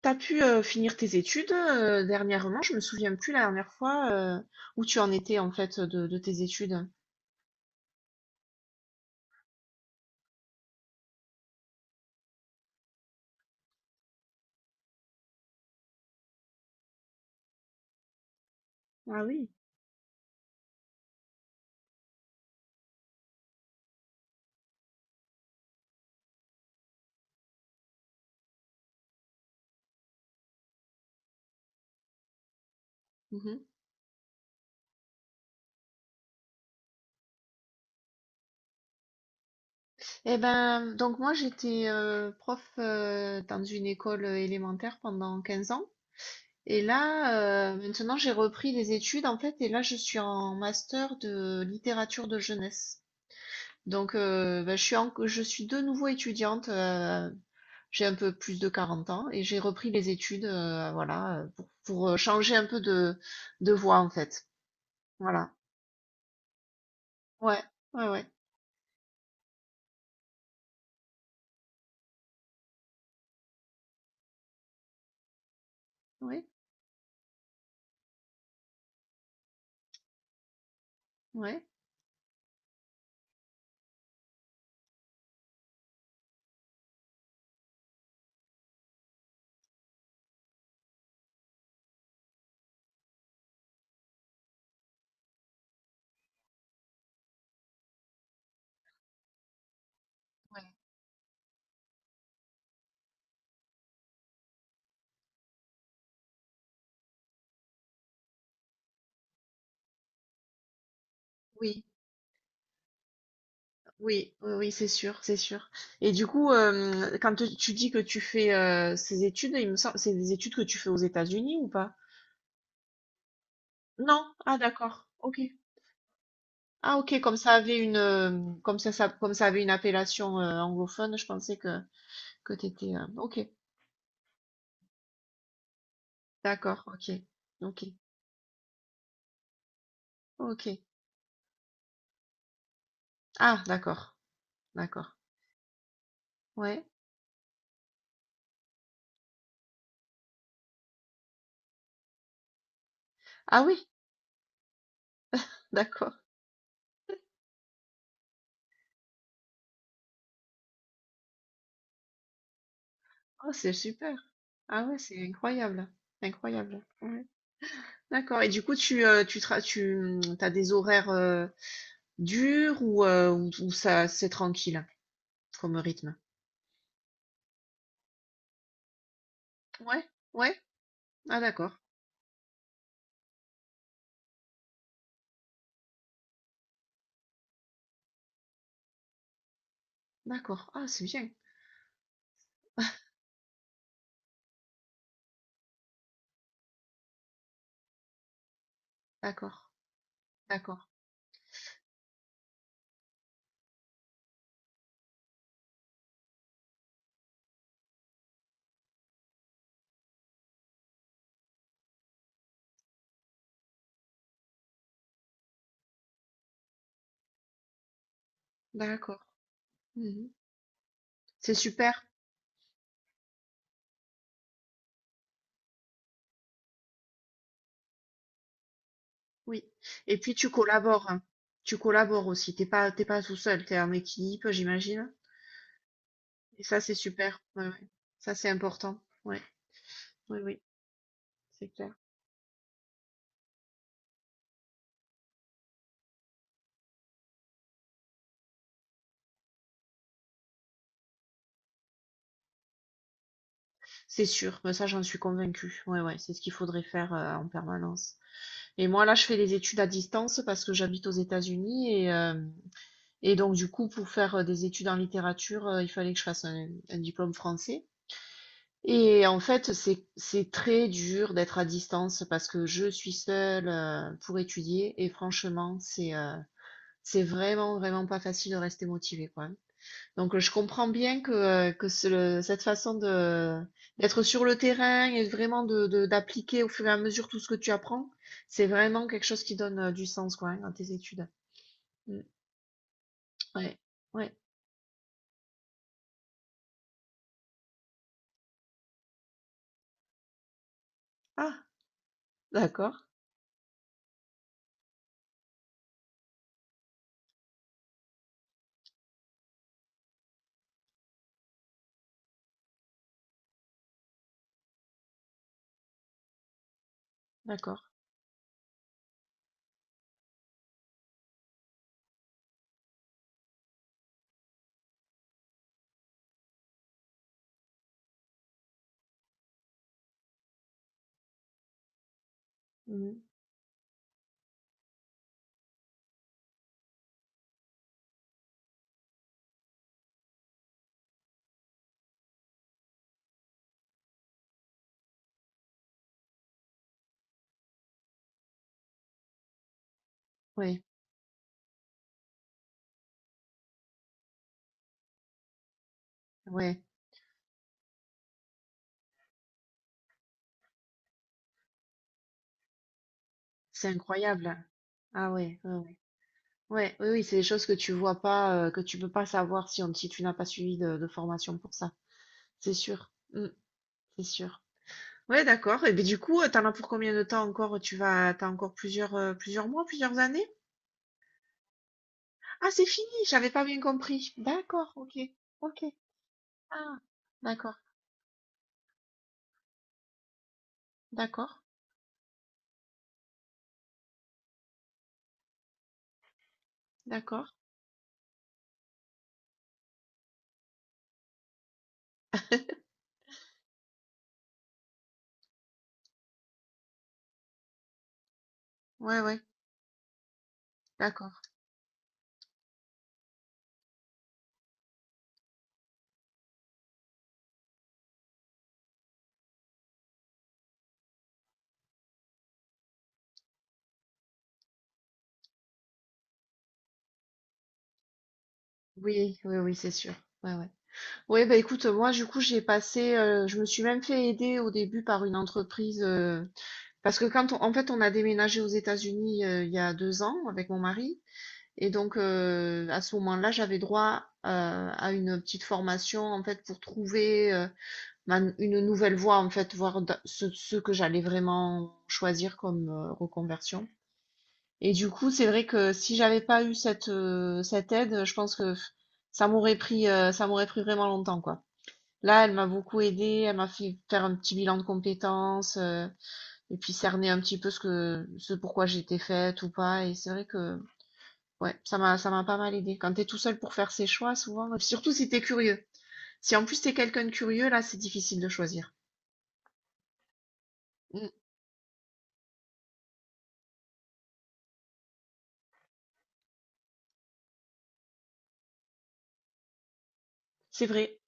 T'as pu finir tes études dernièrement? Je me souviens plus la dernière fois où tu en étais en fait de tes études. Mhm. Eh ben, donc moi j'étais prof dans une école élémentaire pendant 15 ans. Et là, maintenant j'ai repris des études en fait, et là je suis en master de littérature de jeunesse. Donc, je suis de nouveau étudiante. J'ai un peu plus de 40 ans et j'ai repris les études, voilà, pour changer un peu de voie en fait. Voilà. Ouais, ouais, ouais, ouais, ouais. Oui, oui, oui, oui, c'est sûr, c'est sûr. Et du coup, quand tu dis que tu fais ces études, il me semble, c'est des études que tu fais aux États-Unis ou pas? Non? Ah, d'accord. Ok. Ah, ok. Comme ça avait comme ça, comme ça avait une appellation anglophone, je pensais que. Que tu étais, OK, d'accord, OK, OK, OK. Ah d'accord, d'accord. Ouais. Ah oui, d'accord. Oh c'est super. Ah ouais, c'est incroyable, incroyable. Ouais. D'accord et du coup tu tra tu, mmh, as des horaires, durs ou, ou ça c'est tranquille comme rythme? Ouais, ouais? Ah d'accord, d'accord. Ah c'est bien. D'accord, d'accord, d'accord. Mmh. C'est super. Oui. Et puis tu collabores, hein. Tu collabores aussi. T'es pas tout seul. T'es en équipe, j'imagine. Et ça, c'est super. Ouais, ouais. Ça, c'est important. Ouais. Oui, oui. C'est clair. C'est sûr. Ben, ça, j'en suis convaincue. Ouais, ouais. C'est ce qu'il faudrait faire en permanence. Et moi, là, je fais des études à distance parce que j'habite aux États-Unis et donc, du coup, pour faire des études en littérature, il fallait que je fasse un diplôme français. Et en fait, c'est très dur d'être à distance parce que je suis seule pour étudier et franchement, c'est vraiment vraiment pas facile de rester motivée quoi. Donc je comprends bien que cette façon de d'être sur le terrain et vraiment de d'appliquer au fur et à mesure tout ce que tu apprends, c'est vraiment quelque chose qui donne du sens quoi hein, à tes études. Mm. Ouais. Ouais. Ah, d'accord, d'accord. Mm. Ouais, ouais. C'est incroyable. Ah ouais, ouais, ouais. Ouais, oui, oui, c'est des choses que tu vois pas, que tu peux pas savoir si, si tu n'as pas suivi de formation pour ça. C'est sûr. Mm, c'est sûr. Ouais, d'accord. Et bien du coup, t'en as pour combien de temps encore? Tu vas, t'as encore plusieurs, plusieurs mois, plusieurs années? Ah, c'est fini. J'avais pas bien compris. D'accord. Ok. Ok. Ah, d'accord. D'accord. D'accord. Ouais, ouais. D'accord. Oui, oui, oui, c'est sûr. Ouais, ouais. Oui, bah écoute, moi, du coup, j'ai passé, je me suis même fait aider au début par une entreprise. Parce que quand en fait, on a déménagé aux États-Unis il y a 2 ans avec mon mari, et donc à ce moment-là, j'avais droit à une petite formation en fait pour trouver une nouvelle voie en fait, ce, ce que j'allais vraiment choisir comme reconversion. Et du coup, c'est vrai que si j'avais pas eu cette aide, je pense que ça m'aurait pris vraiment longtemps quoi. Là, elle m'a beaucoup aidée, elle m'a fait faire un petit bilan de compétences. Et puis cerner un petit peu ce que ce pourquoi j'étais faite ou pas et c'est vrai que ouais ça m'a pas mal aidé quand t'es tout seul pour faire ses choix souvent surtout si t'es curieux si en plus t'es quelqu'un de curieux là c'est difficile de choisir. Mm. C'est vrai.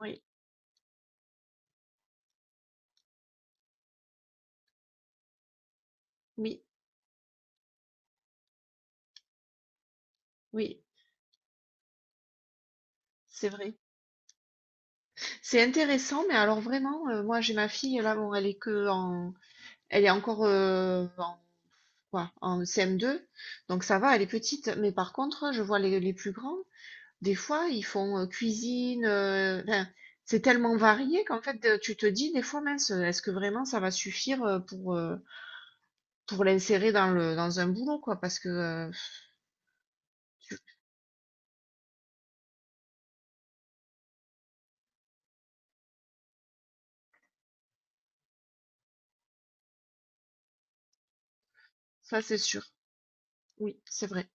Oui, oui, oui, c'est vrai, c'est intéressant mais alors vraiment moi j'ai ma fille là bon elle est encore en quoi en CM2 donc ça va elle est petite mais par contre je vois les plus grands. Des fois, ils font, cuisine, enfin, c'est tellement varié qu'en fait, tu te dis des fois: «Mince, est-ce que vraiment ça va suffire, pour l'insérer dans le dans un boulot, quoi?» parce que, heu, ça c'est sûr. Oui, c'est vrai.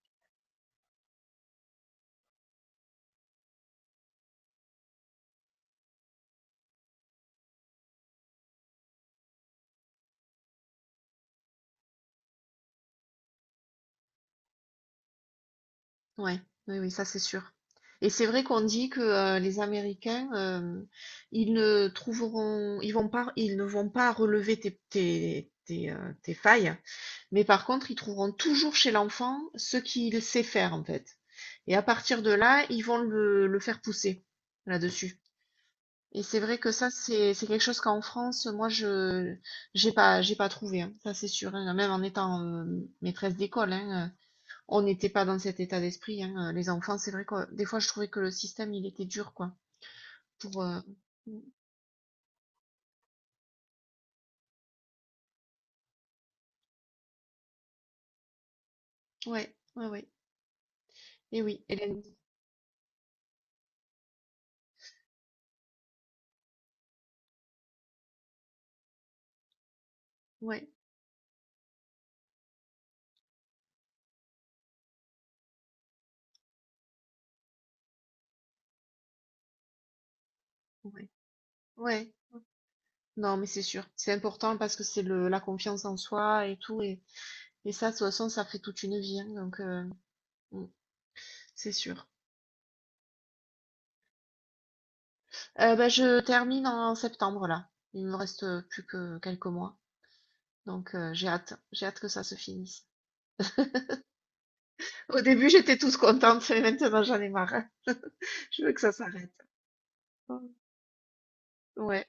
Ouais, oui, oui, ça c'est sûr et c'est vrai qu'on dit que, les Américains, ils ne vont pas relever tes, tes failles. Mais par contre, ils trouveront toujours chez l'enfant ce qu'il sait faire en fait. Et à partir de là, ils vont le faire pousser là-dessus. Et c'est vrai que ça, c'est quelque chose qu'en France, moi, je j'ai pas trouvé, hein. Ça, c'est sûr, hein. Même en étant maîtresse d'école, hein, on n'était pas dans cet état d'esprit, hein. Les enfants, c'est vrai que des fois, je trouvais que le système, il était dur, quoi. Pour ouais, ouais, ouais. Et oui, Hélène. Ouais, ouais, ouais. Non, mais c'est sûr. C'est important parce que c'est le la confiance en soi et tout. Et ça, de toute façon, ça fait toute une vie, hein, donc, mm, c'est sûr. Ben, je termine en septembre, là. Il me reste plus que quelques mois. Donc, j'ai hâte. J'ai hâte que ça se finisse. Au début, j'étais toute contente, mais maintenant, j'en ai marre. Je veux que ça s'arrête. Ouais.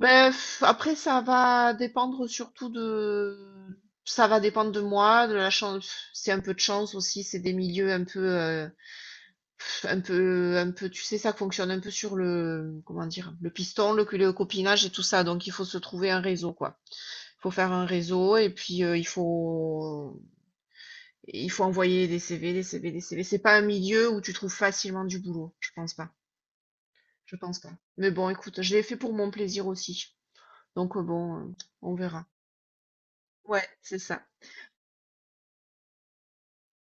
Ben, pff, après, ça va dépendre surtout de... Ça va dépendre de moi, de la chance. C'est un peu de chance aussi. C'est des milieux un peu... Un peu tu sais, ça fonctionne un peu sur le comment dire? Le piston, le copinage et tout ça, donc il faut se trouver un réseau, quoi. Il faut faire un réseau et puis, il faut envoyer des CV, des CV, des CV. C'est pas un milieu où tu trouves facilement du boulot, je pense pas, je pense pas. Mais bon, écoute, je l'ai fait pour mon plaisir aussi, donc bon, on verra. Ouais, c'est ça.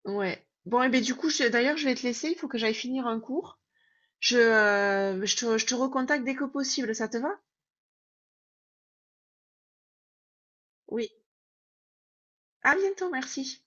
Ouais. Bon et ben du coup, je vais te laisser, il faut que j'aille finir un cours. Je te recontacte dès que possible, ça te va? Oui. À bientôt, merci.